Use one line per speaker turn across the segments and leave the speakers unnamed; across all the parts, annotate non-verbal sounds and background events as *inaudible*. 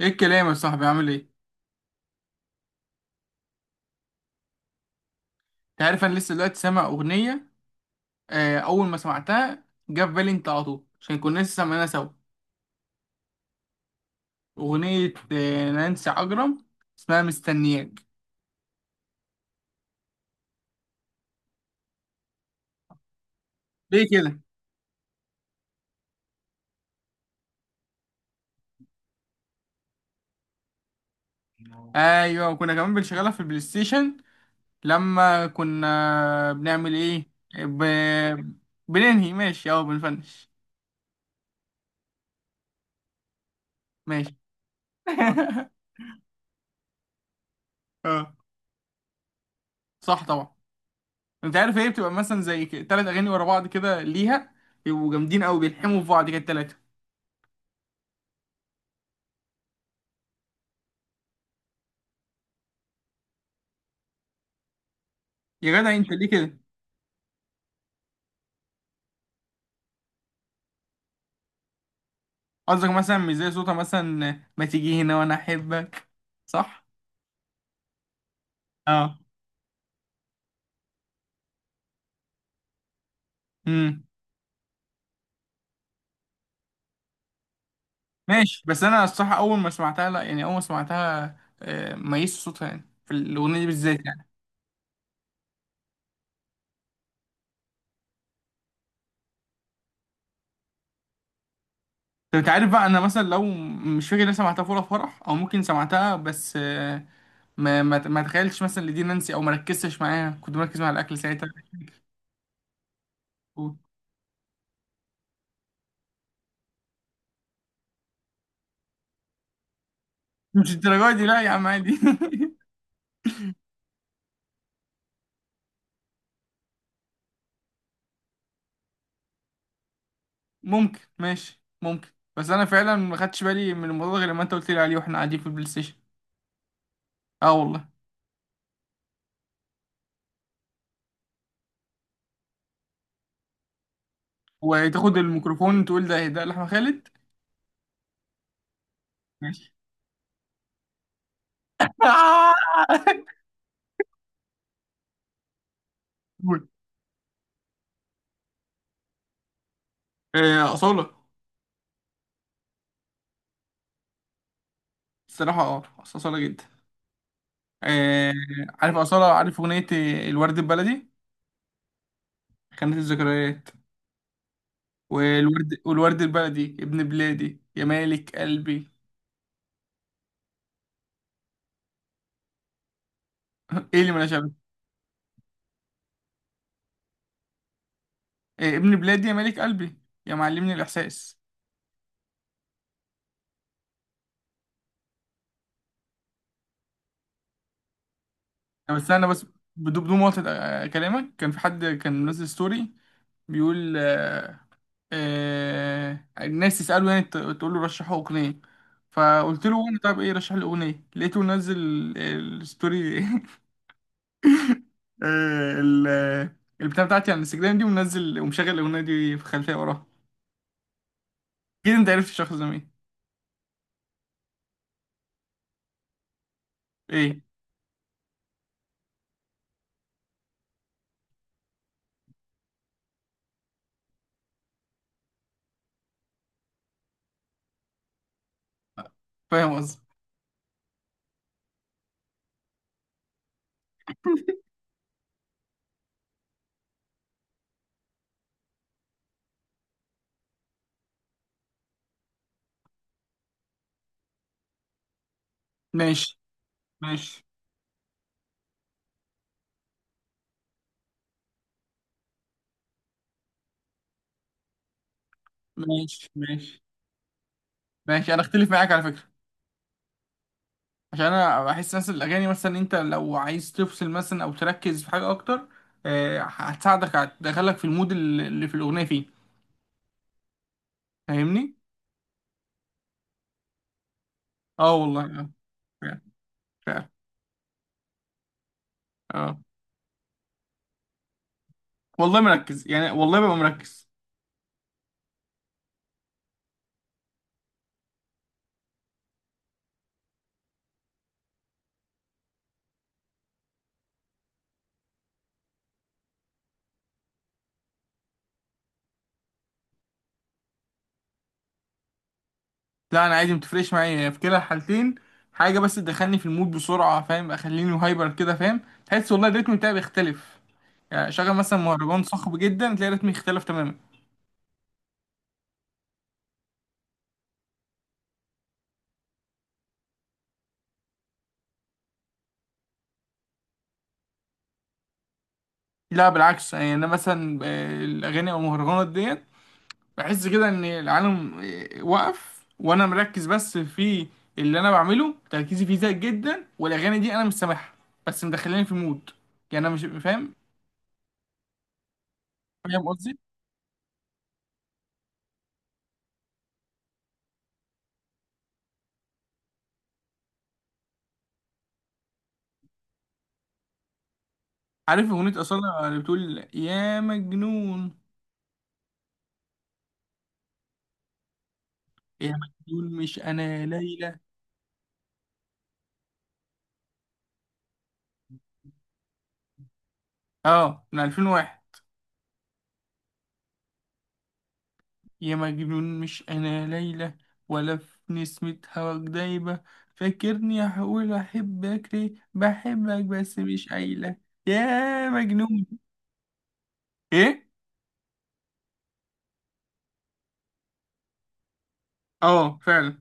ايه الكلام يا صاحبي عامل ايه؟ انت عارف انا لسه دلوقتي سامع اغنية اول ما سمعتها جه في بالي انت على طول عشان كنا لسه سامعينها سوا. اغنية نانسي عجرم، اسمها مستنياك. ليه كده؟ ايوه، وكنا كمان بنشغلها في البلاي ستيشن لما كنا بنعمل ايه؟ ب... بننهي ماشي او بنفنش. ماشي. *laughs* اه، صح طبعا. انت عارف ايه بتبقى مثلا زي ثلاث اغاني ورا بعض كده ليها، يبقوا جامدين قوي بيلحموا في بعض كده التلاتة. يا جدع انت ليه كده؟ قصدك مثلا مش زي صوتها مثلا ما تيجي هنا وانا احبك، صح. اه. امم ماشي، بس انا الصراحه اول ما سمعتها لا، يعني اول ما سمعتها ميزت صوتها يعني في الاغنيه دي بالذات يعني. طب انت عارف بقى انا مثلا لو مش فاكر انا سمعتها في ولا فرح او ممكن سمعتها، بس ما تخيلتش مثلا لدي نانسي او ما ركزتش معاها، كنت مركز مع الاكل ساعتها. مش الدرجه دي لا يا عم عادي. *laughs* ممكن، ماشي ممكن. بس انا فعلا ما خدتش بالي من الموضوع ده غير لما انت قلت لي عليه واحنا قاعدين في البلاي ستيشن. اه والله. وتاخد الميكروفون تقول ده لأحمد خالد. ماشي. *laughs* آه! قول. أصالة. الصراحة أصالة جدا. آه، عارف أصالة، عارف أغنية الورد البلدي. خانة الذكريات. والورد البلدي ابن بلادي يا مالك قلبي. ايه اللي مالهاش علاقة؟ إيه، ابن بلادي يا مالك قلبي، يا معلمني الإحساس. طب استنى بس، بدون مقاطعة، كلامك كان في حد كان منزل ستوري بيقول الناس تسأله، يعني تقول له رشحوا أغنية، فقلت له وانا طب ايه رشح لي أغنية، لقيته منزل الستوري. *laughs* آه، ال- البتاع بتاعتي على الانستجرام دي، ومنزل ومشغل الأغنية دي في خلفية وراها. أكيد أنت عرفت الشخص ده مين. ايه. فاهم قصدي. ماشي، ماشي، ماشي، ماشي، ماشي أنا أختلف معاك على فكرة، عشان أنا بحس مثلا الأغاني، مثلا أنت لو عايز تفصل مثلا أو تركز في حاجة أكتر، هتساعدك هتدخلك في المود اللي في الأغنية فيه. فاهمني. اه والله، اه. فعلا، فعلا. اه والله مركز يعني، والله ببقى مركز. لا انا عادي، متفرقش معايا في كلا الحالتين. حاجه بس تدخلني في المود بسرعه، فاهم، اخليني هايبر كده، فاهم، تحس والله الريتم بتاعي بيختلف. يعني شغل مثلا مهرجان صاخب جدا تلاقي رتمي اختلف تماما. لا بالعكس، يعني انا مثلا الاغاني او المهرجانات ديت بحس كده ان العالم وقف وانا مركز بس في اللي انا بعمله، تركيزي فيه زايد جدا، والاغاني دي انا مش سامعها، بس مدخلاني في مود. يعني انا مش فاهم. فاهم قصدي. عارف اغنيه اصاله اللي بتقول يا مجنون؟ يا مجنون مش انا ليلى. اه، من 2001. يا مجنون مش انا ليلى، ولا في نسمة هواك دايبة، فاكرني هقول احبك، ليه بحبك بس مش قايلة، يا مجنون. ايه. اه فعلا.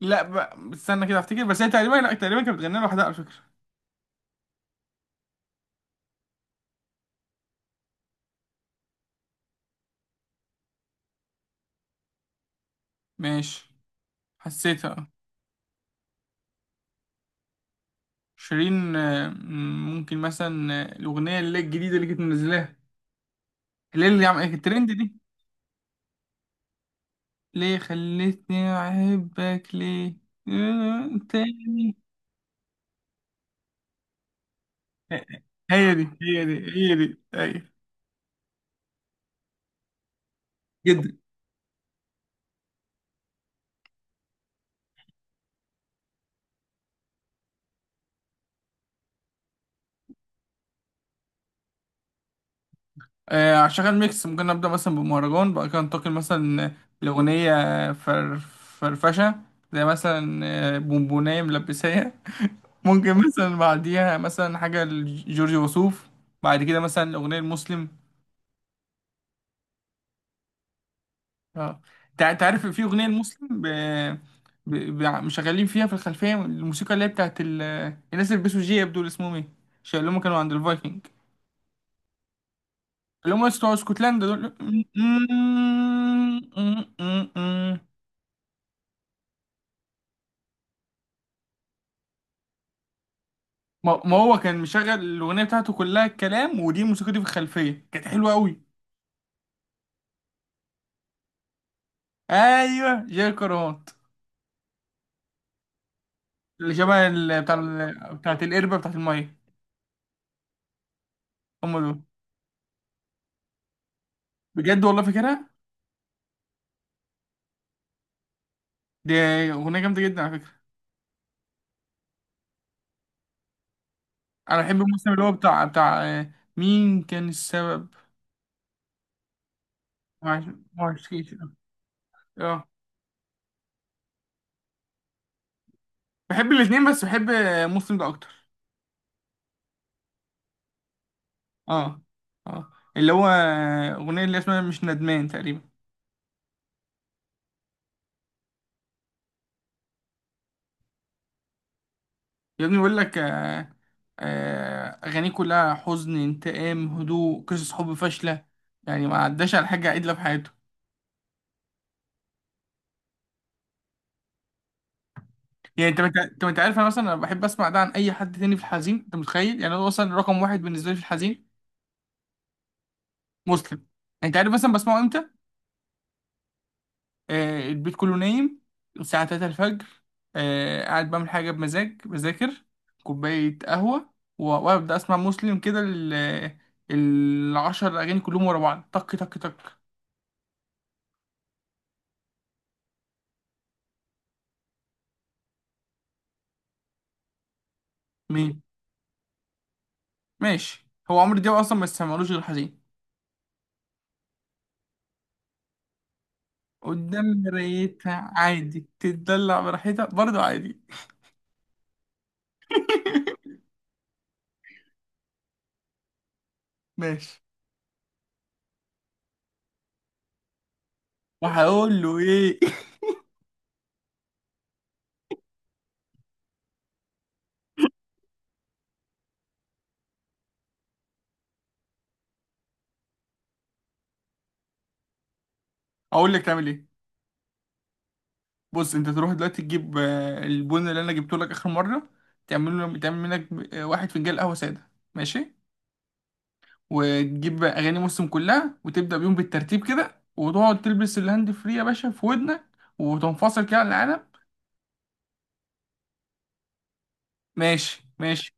لا بقى استنى كده افتكر، بس هي تقريبا، لا، تقريبا كانت بتغني لوحدها على فكرة. ماشي. حسيتها، اه. شيرين ممكن مثلا الأغنية اللي هي الجديدة اللي كانت منزلاها، اللي هي اللي عملت الترند دي، ليه خلتني أحبك ليه، تاني. آه، آه، هي دي، هي دي، هي دي، أيوة. جدا. هشغل ميكس، ممكن نبدأ مثلا بمهرجان بعد كده ننتقل مثلا لأغنية فر فرفشة، زي مثلا بونبوناية ملبسية، ممكن مثلا بعديها مثلا حاجة لجورج وسوف، بعد كده مثلا الأغنية المسلم. اه. تعرف في أغنية المسلم ب... ب... ب... مشغلين فيها في الخلفية الموسيقى اللي هي الناس اللي بيلبسوا جياب دول اسمهم ايه؟ اللي هم كانوا عند الفايكنج، اللي هم بتوع اسكتلندا دول. ما هو كان مشغل الأغنية بتاعته كلها الكلام، ودي الموسيقى دي في الخلفية كانت حلوة أوي. أيوه جاي كرهات. اللي شبه بتاعت القربة بتاعت المية. هم دول. بجد والله فاكرها. دي أغنية جامدة جدا على فكرة. أنا بحب المسلم اللي هو بتاع مين كان السبب. ما معرفش. اه بحب الاتنين، بس بحب مسلم ده أكتر. اه. اه اللي هو أغنية اللي اسمها مش ندمان تقريبا. يا ابني بقول لك أغانيه كلها حزن، انتقام، هدوء، قصص حب فاشلة، يعني ما عداش على حاجة عدلة في حياته. يعني انت عارف انا مثلا انا بحب اسمع ده عن اي حد تاني في الحزين. انت متخيل يعني هو مثلا رقم واحد بالنسبه لي في الحزين. مسلم. انت عارف مثلا بسمعه امتى؟ البيت كله نايم، الساعة 3 الفجر، قاعد بعمل حاجة بمزاج، بذاكر، كوباية قهوة، وابدأ اسمع مسلم كده، العشر اغاني كلهم ورا بعض، طك طك طك. مين؟ ماشي، هو عمرو دياب اصلا ما يسمعلوش غير حزين، قدام مرايتها عادي تتدلع براحتها برضه عادي. *laughs* ماشي. وهقول له ايه. *laughs* اقول لك تعمل ايه؟ بص، انت تروح دلوقتي تجيب البن اللي انا جبته لك اخر مره، تعمل منك واحد فنجان قهوه ساده، ماشي؟ وتجيب اغاني مسلم كلها وتبدا بيهم بالترتيب كده، وتقعد تلبس الهاند فري يا باشا في ودنك، وتنفصل كده على العالم. ماشي، ماشي،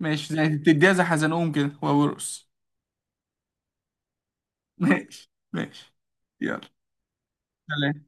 ماشي، زي تديها زي حزنهم كده وابو رقص. *laughs* ماشي، ماشي. يلا سلام.